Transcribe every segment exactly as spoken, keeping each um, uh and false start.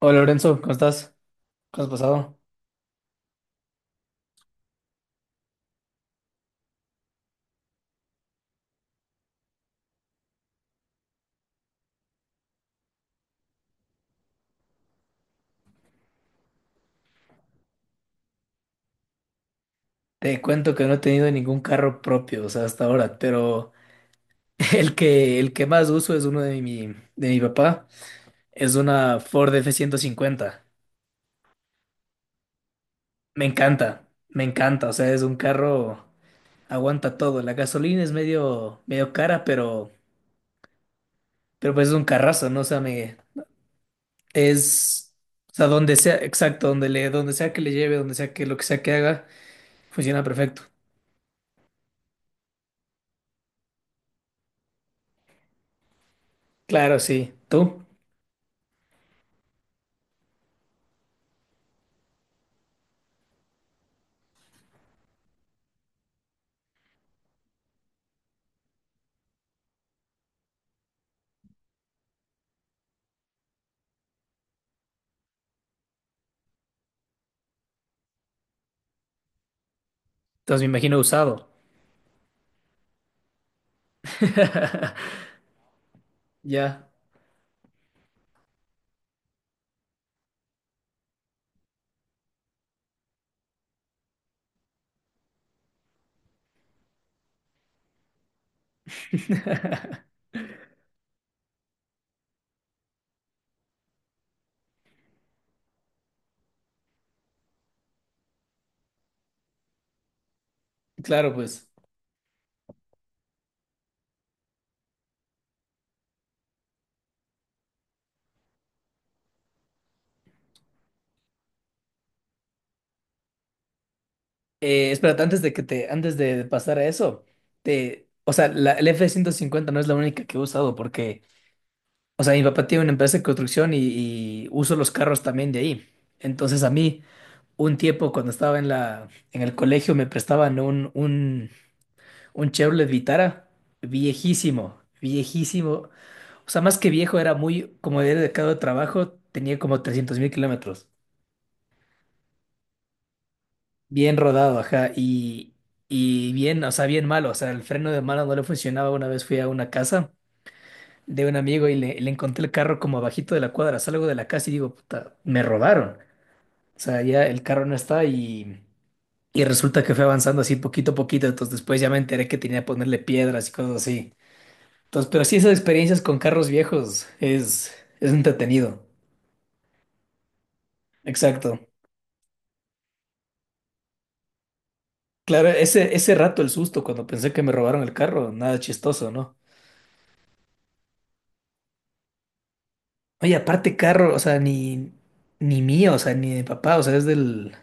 Hola Lorenzo, ¿cómo estás? ¿Cómo has pasado? Te cuento que no he tenido ningún carro propio, o sea, hasta ahora, pero el que, el que más uso es uno de mi, de mi papá, es una Ford f ciento cincuenta. Me encanta, me encanta, o sea, es un carro, aguanta todo. La gasolina es medio, medio cara, pero, pero pues es un carrazo, ¿no? O sea, me, es, o sea, donde sea, exacto, donde le, donde sea que le lleve, donde sea que lo que sea que haga, funciona perfecto. Claro, sí. ¿Tú? Entonces me imagino usado. Ya. Claro, pues. Eh, espérate, antes de que te, antes de pasar a eso, te, o sea, la, el F ciento cincuenta no es la única que he usado porque, o sea, mi papá tiene una empresa de construcción y, y uso los carros también de ahí. Entonces a mí, un tiempo cuando estaba en la, en el colegio me prestaban un, un, un Chevrolet Vitara viejísimo, viejísimo. O sea, más que viejo, era muy, como era de cada trabajo, tenía como trescientos mil kilómetros. Bien rodado, ajá, y, y bien, o sea, bien malo, o sea, el freno de mano no le funcionaba. Una vez fui a una casa de un amigo y le, le encontré el carro como abajito de la cuadra, salgo de la casa y digo, puta, me robaron. O sea, ya el carro no está y, y resulta que fue avanzando así poquito a poquito, entonces después ya me enteré que tenía que ponerle piedras y cosas así. Entonces, pero sí, esas experiencias con carros viejos es, es entretenido. Exacto. Claro, ese, ese rato el susto cuando pensé que me robaron el carro, nada chistoso, ¿no? Oye, aparte carro, o sea, ni, ni mío, o sea, ni de papá, o sea, es del,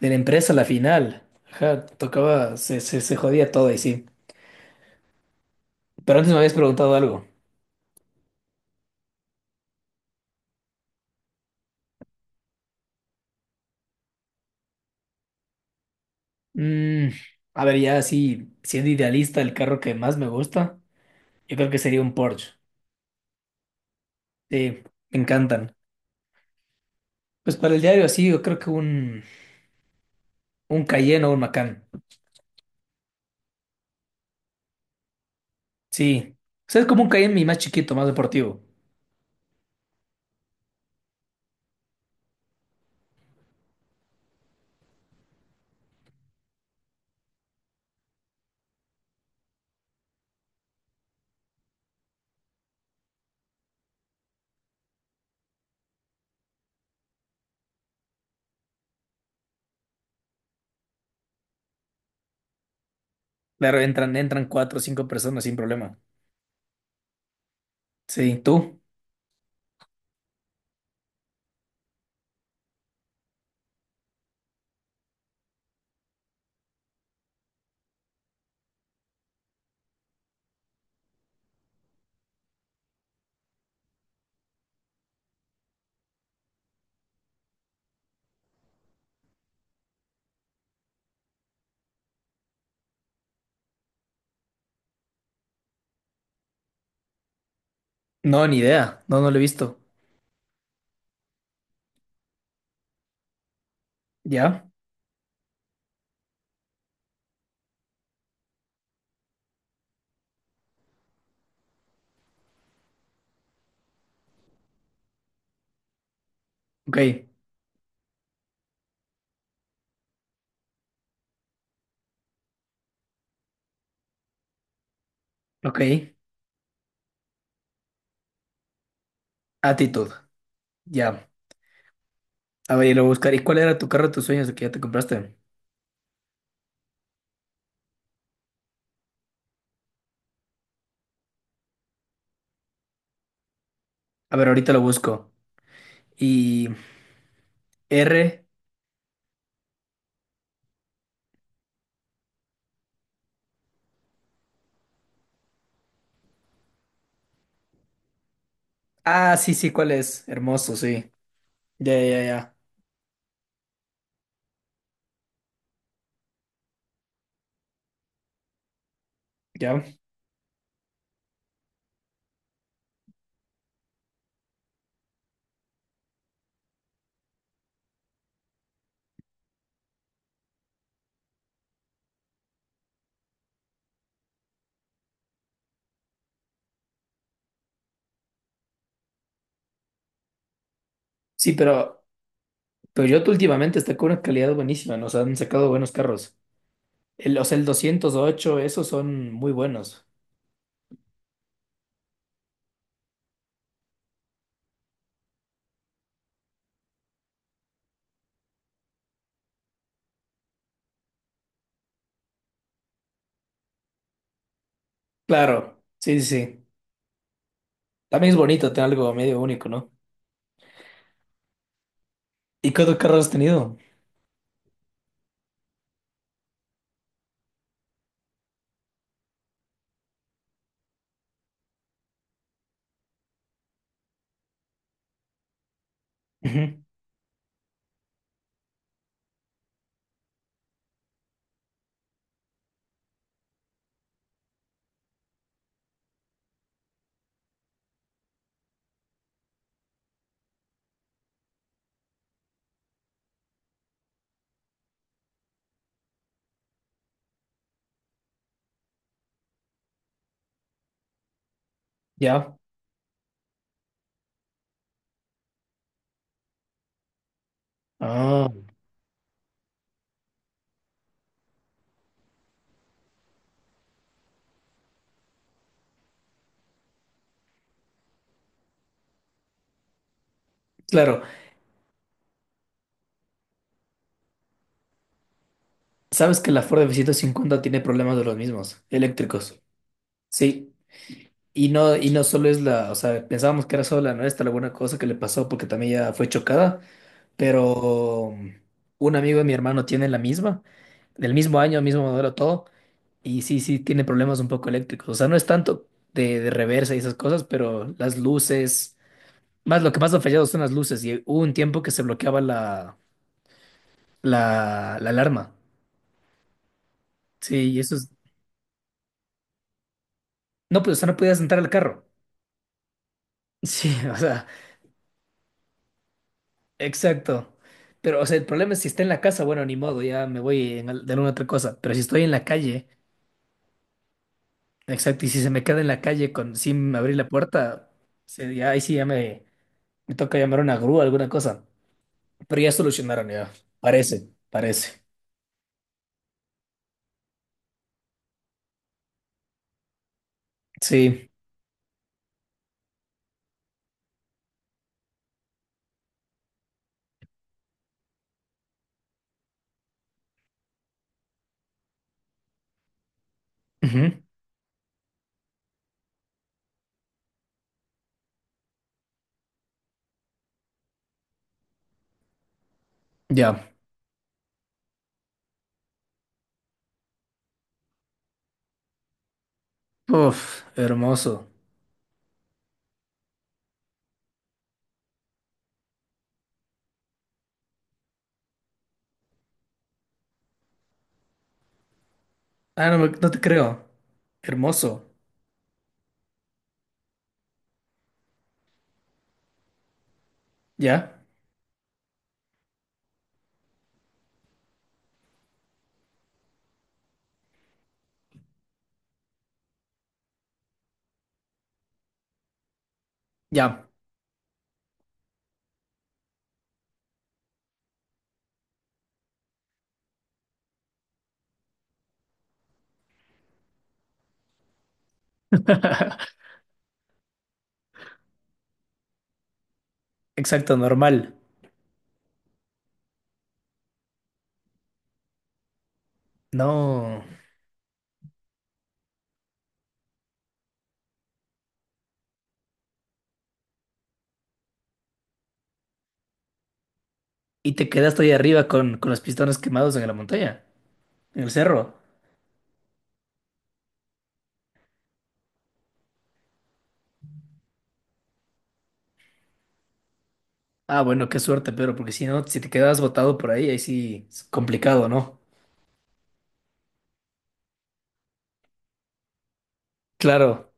de la empresa la final. Ajá, tocaba, se, se, se jodía todo y sí. Pero antes me habías preguntado algo. Mm, a ver, ya así, siendo idealista, el carro que más me gusta, yo creo que sería un Porsche. Sí, me encantan. Pues para el diario así, yo creo que un, un Cayenne o un Macan. Sí. O sea, es como un Cayenne y más chiquito, más deportivo. Claro, entran, entran cuatro o cinco personas sin problema. Sí, ¿tú? No, ni idea. No, no lo he visto. Ya, ok, ok. Actitud, ya. A ver, lo buscaré. ¿Y cuál era tu carro de tus sueños el que ya te compraste? A ver, ahorita lo busco. Y R. Ah, sí, sí, ¿cuál es? Hermoso, sí. Ya, ya, ya. Ya. Sí, pero Toyota últimamente está con una calidad buenísima. Nos han sacado buenos carros. El, o sea, el doscientos ocho esos son muy buenos. Claro, sí, sí, sí. También es bonito tener algo medio único, ¿no? ¿Y cuántos carros has tenido? Ujú, ya. Ah, claro. Sabes que la Ford f ciento cincuenta tiene problemas de los mismos, eléctricos. Sí, y no, y no solo es la, o sea, pensábamos que era solo la nuestra, la buena cosa que le pasó porque también ya fue chocada, pero mm, un amigo de mi hermano tiene la misma, del mismo año, mismo modelo, todo, y sí, sí, tiene problemas un poco eléctricos. O sea, no es tanto de, de reversa y esas cosas, pero las luces, más lo que más ha fallado son las luces, y hubo un tiempo que se bloqueaba la, la, la alarma. Sí, y eso es, no, pues, o sea, no podías entrar al carro. Sí, o sea, exacto. Pero, o sea, el problema es si está en la casa, bueno, ni modo, ya me voy en al- de alguna otra cosa. Pero si estoy en la calle, exacto, y si se me queda en la calle con, sin abrir la puerta, se- ya, ahí sí ya me, me toca llamar a una grúa, alguna cosa. Pero ya solucionaron, ya. Parece, parece. Sí. Ujú, ya. Uf, hermoso. Ah, no, me- no te creo. Hermoso. ¿Ya? Ya. Exacto, normal. No. Y te quedaste ahí arriba con, con los pistones quemados en la montaña, en el cerro. Ah, bueno, qué suerte, pero porque si no, si te quedabas botado por ahí, ahí sí es complicado, ¿no? Claro.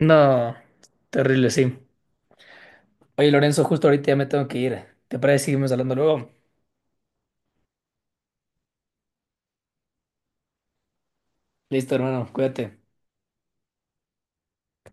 No, terrible, sí. Oye, Lorenzo, justo ahorita ya me tengo que ir. ¿Te parece que seguimos hablando luego? Listo, hermano, cuídate.